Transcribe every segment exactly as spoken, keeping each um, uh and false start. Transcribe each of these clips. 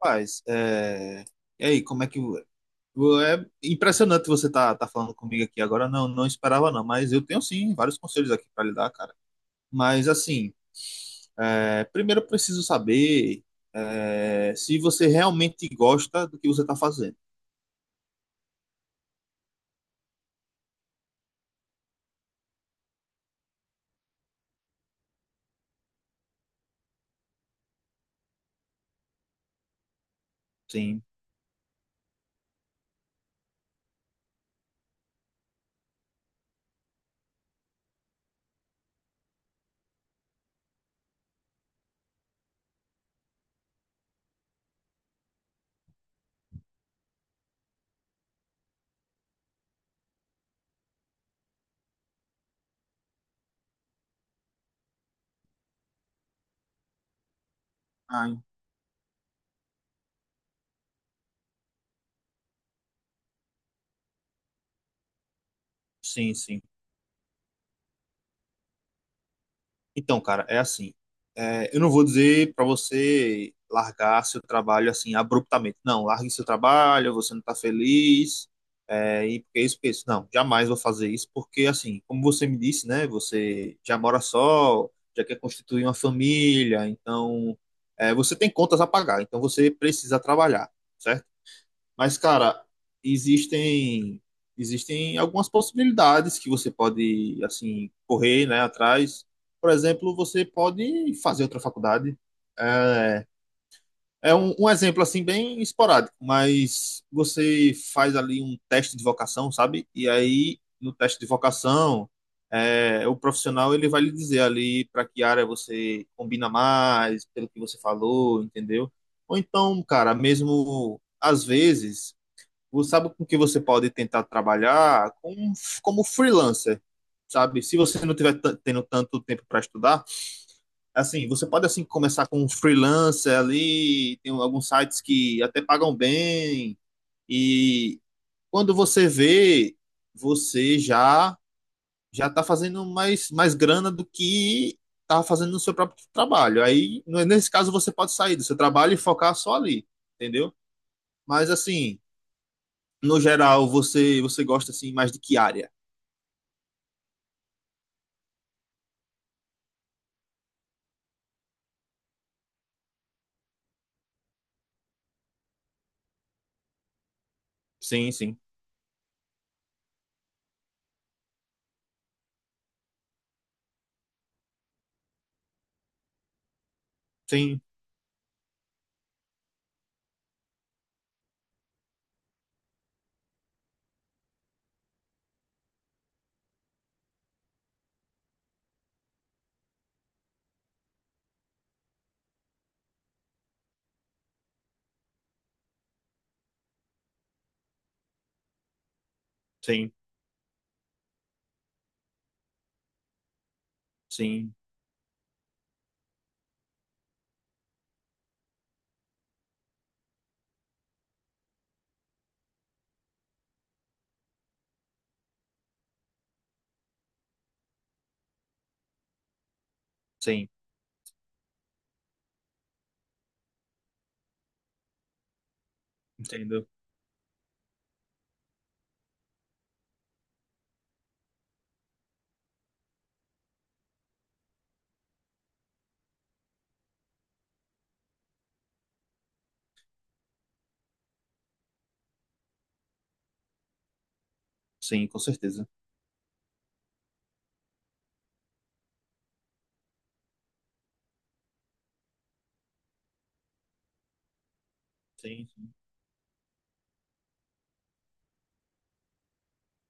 Rapaz, é... e aí, como é que... é impressionante você tá, tá falando comigo aqui agora. Não, não esperava não, mas eu tenho sim vários conselhos aqui para lhe dar, cara. Mas assim, é, primeiro eu preciso saber é, se você realmente gosta do que você tá fazendo. Sim. Ah, sim, sim. Então, cara, é assim. É, eu não vou dizer para você largar seu trabalho assim abruptamente. Não, largue seu trabalho, você não está feliz, é, e porque é isso, porque é isso. Não, jamais vou fazer isso, porque assim, como você me disse, né? Você já mora só, já quer constituir uma família, então é, você tem contas a pagar, então você precisa trabalhar, certo? Mas, cara, existem existem algumas possibilidades que você pode, assim, correr, né, atrás. Por exemplo, você pode fazer outra faculdade. É, é um, um exemplo, assim, bem esporádico, mas você faz ali um teste de vocação, sabe? E aí, no teste de vocação, é, o profissional, ele vai lhe dizer ali para que área você combina mais, pelo que você falou, entendeu? Ou então, cara, mesmo às vezes você sabe com que você pode tentar trabalhar com, como freelancer, sabe? Se você não tiver tan- tendo tanto tempo para estudar, assim, você pode assim começar com um freelancer ali, tem alguns sites que até pagam bem e quando você vê, você já já tá fazendo mais mais grana do que tá fazendo no seu próprio trabalho. Aí, nesse caso, você pode sair do seu trabalho e focar só ali, entendeu? Mas assim, no geral, você você gosta assim mais de que área? Sim, sim. Sim, sim, sim, sim. Entendo. Sim, com certeza. Sim, sim.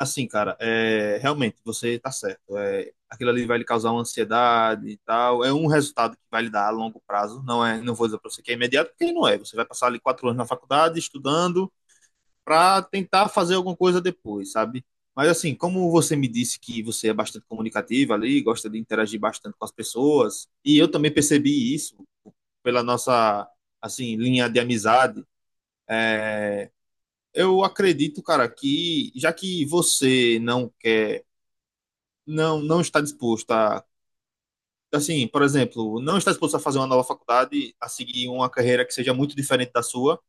Assim, cara, é, realmente, você tá certo. É, aquilo ali vai lhe causar uma ansiedade e tal. É um resultado que vai lhe dar a longo prazo. Não é, não vou dizer pra você que é imediato, porque não é. Você vai passar ali quatro anos na faculdade, estudando, para tentar fazer alguma coisa depois, sabe? Mas assim, como você me disse que você é bastante comunicativa ali, gosta de interagir bastante com as pessoas, e eu também percebi isso pela nossa assim linha de amizade, eu acredito, cara, que já que você não quer, não não está disposto a assim, por exemplo, não está disposto a fazer uma nova faculdade, a seguir uma carreira que seja muito diferente da sua,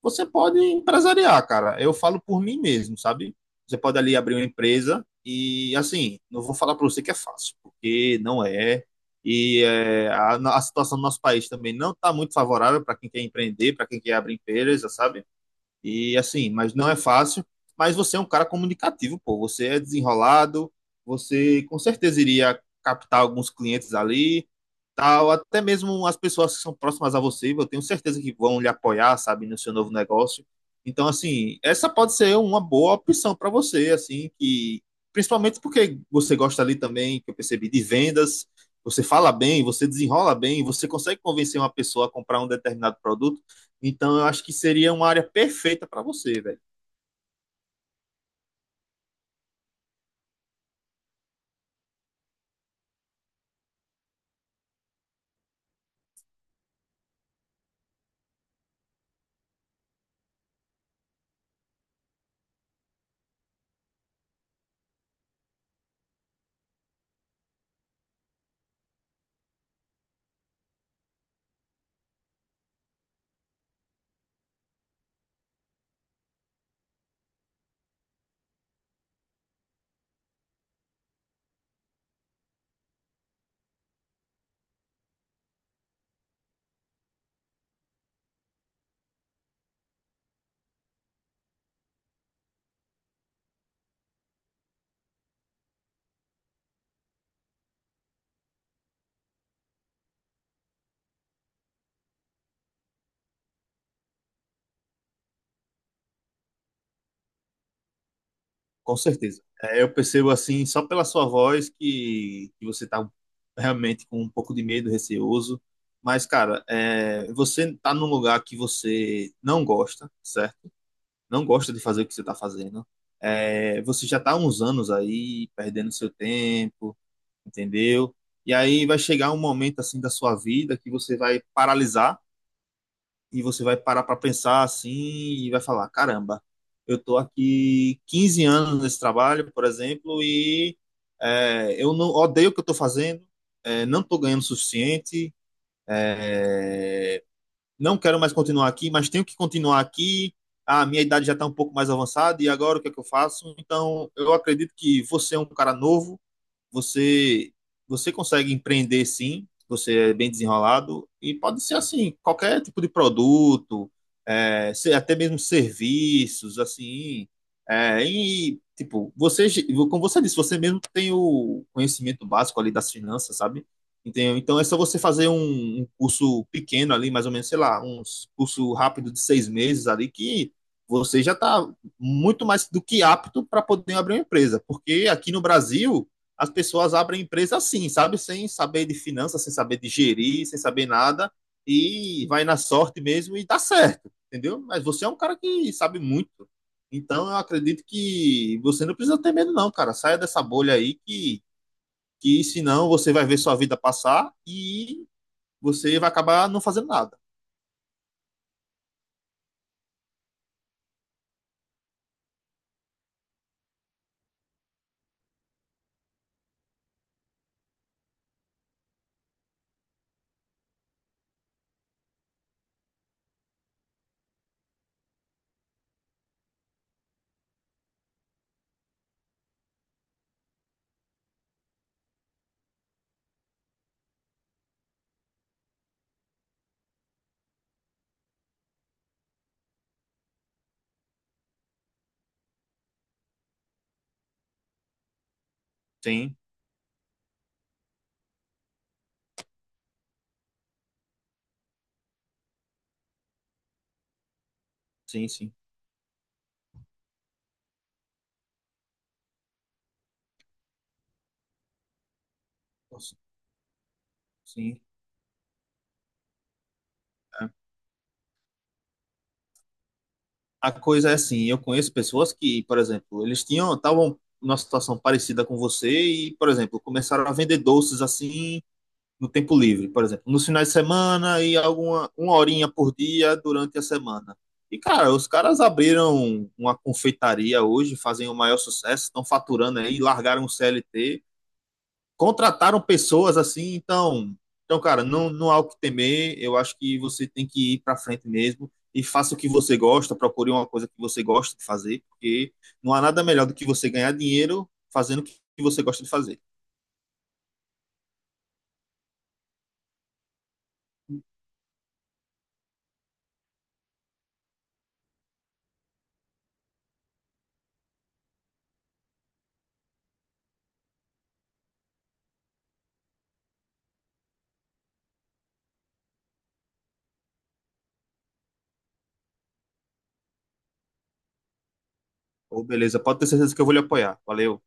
você pode empresariar, cara. Eu falo por mim mesmo, sabe? Você pode ali abrir uma empresa e, assim, não vou falar para você que é fácil, porque não é. E é, a, a situação do nosso país também não está muito favorável para quem quer empreender, para quem quer abrir empresa, sabe? E assim, mas não é fácil. Mas você é um cara comunicativo, pô. Você é desenrolado, você com certeza iria captar alguns clientes ali, tal. Até mesmo as pessoas que são próximas a você, eu tenho certeza que vão lhe apoiar, sabe, no seu novo negócio. Então, assim, essa pode ser uma boa opção para você, assim, que principalmente porque você gosta ali também, que eu percebi, de vendas. Você fala bem, você desenrola bem, você consegue convencer uma pessoa a comprar um determinado produto. Então eu acho que seria uma área perfeita para você, velho. Com certeza. É, eu percebo assim, só pela sua voz, que, que você tá realmente com um pouco de medo, receoso. Mas, cara, é, você tá num lugar que você não gosta, certo? Não gosta de fazer o que você tá fazendo. É, você já tá há uns anos aí, perdendo seu tempo, entendeu? E aí vai chegar um momento assim da sua vida que você vai paralisar e você vai parar para pensar assim e vai falar: caramba, eu estou aqui quinze anos nesse trabalho, por exemplo, e é, eu não odeio o que eu estou fazendo, é, não estou ganhando o suficiente, não quero mais continuar aqui, mas tenho que continuar aqui. A minha idade já está um pouco mais avançada e agora o que é que eu faço? Então, eu acredito que você é um cara novo, você você consegue empreender sim, você é bem desenrolado e pode ser assim, qualquer tipo de produto, é, se- até mesmo serviços, assim, é, e tipo, você, como você disse, você mesmo tem o conhecimento básico ali das finanças, sabe? Entendeu? Então é só você fazer um, um curso pequeno ali, mais ou menos, sei lá, um curso rápido de seis meses ali, que você já está muito mais do que apto para poder abrir uma empresa. Porque aqui no Brasil, as pessoas abrem empresa assim, sabe? Sem saber de finanças, sem saber de gerir, sem saber nada, e vai na sorte mesmo e dá certo, entendeu? Mas você é um cara que sabe muito. Então eu acredito que você não precisa ter medo, não, cara. Saia dessa bolha aí que, que senão você vai ver sua vida passar e você vai acabar não fazendo nada. Sim, sim, sim. Nossa, Sim, a coisa é assim, eu conheço pessoas que, por exemplo, eles tinham, estavam numa situação parecida com você e, por exemplo, começaram a vender doces assim no tempo livre, por exemplo, nos finais de semana e alguma uma horinha por dia durante a semana. E, cara, os caras abriram uma confeitaria hoje, fazem o maior sucesso, estão faturando aí, largaram o C L T, contrataram pessoas assim, então, então cara, não, não há o que temer. Eu acho que você tem que ir para frente mesmo e faça o que você gosta, procure uma coisa que você gosta de fazer, porque não há nada melhor do que você ganhar dinheiro fazendo o que você gosta de fazer. Ou beleza, pode ter certeza que eu vou lhe apoiar. Valeu.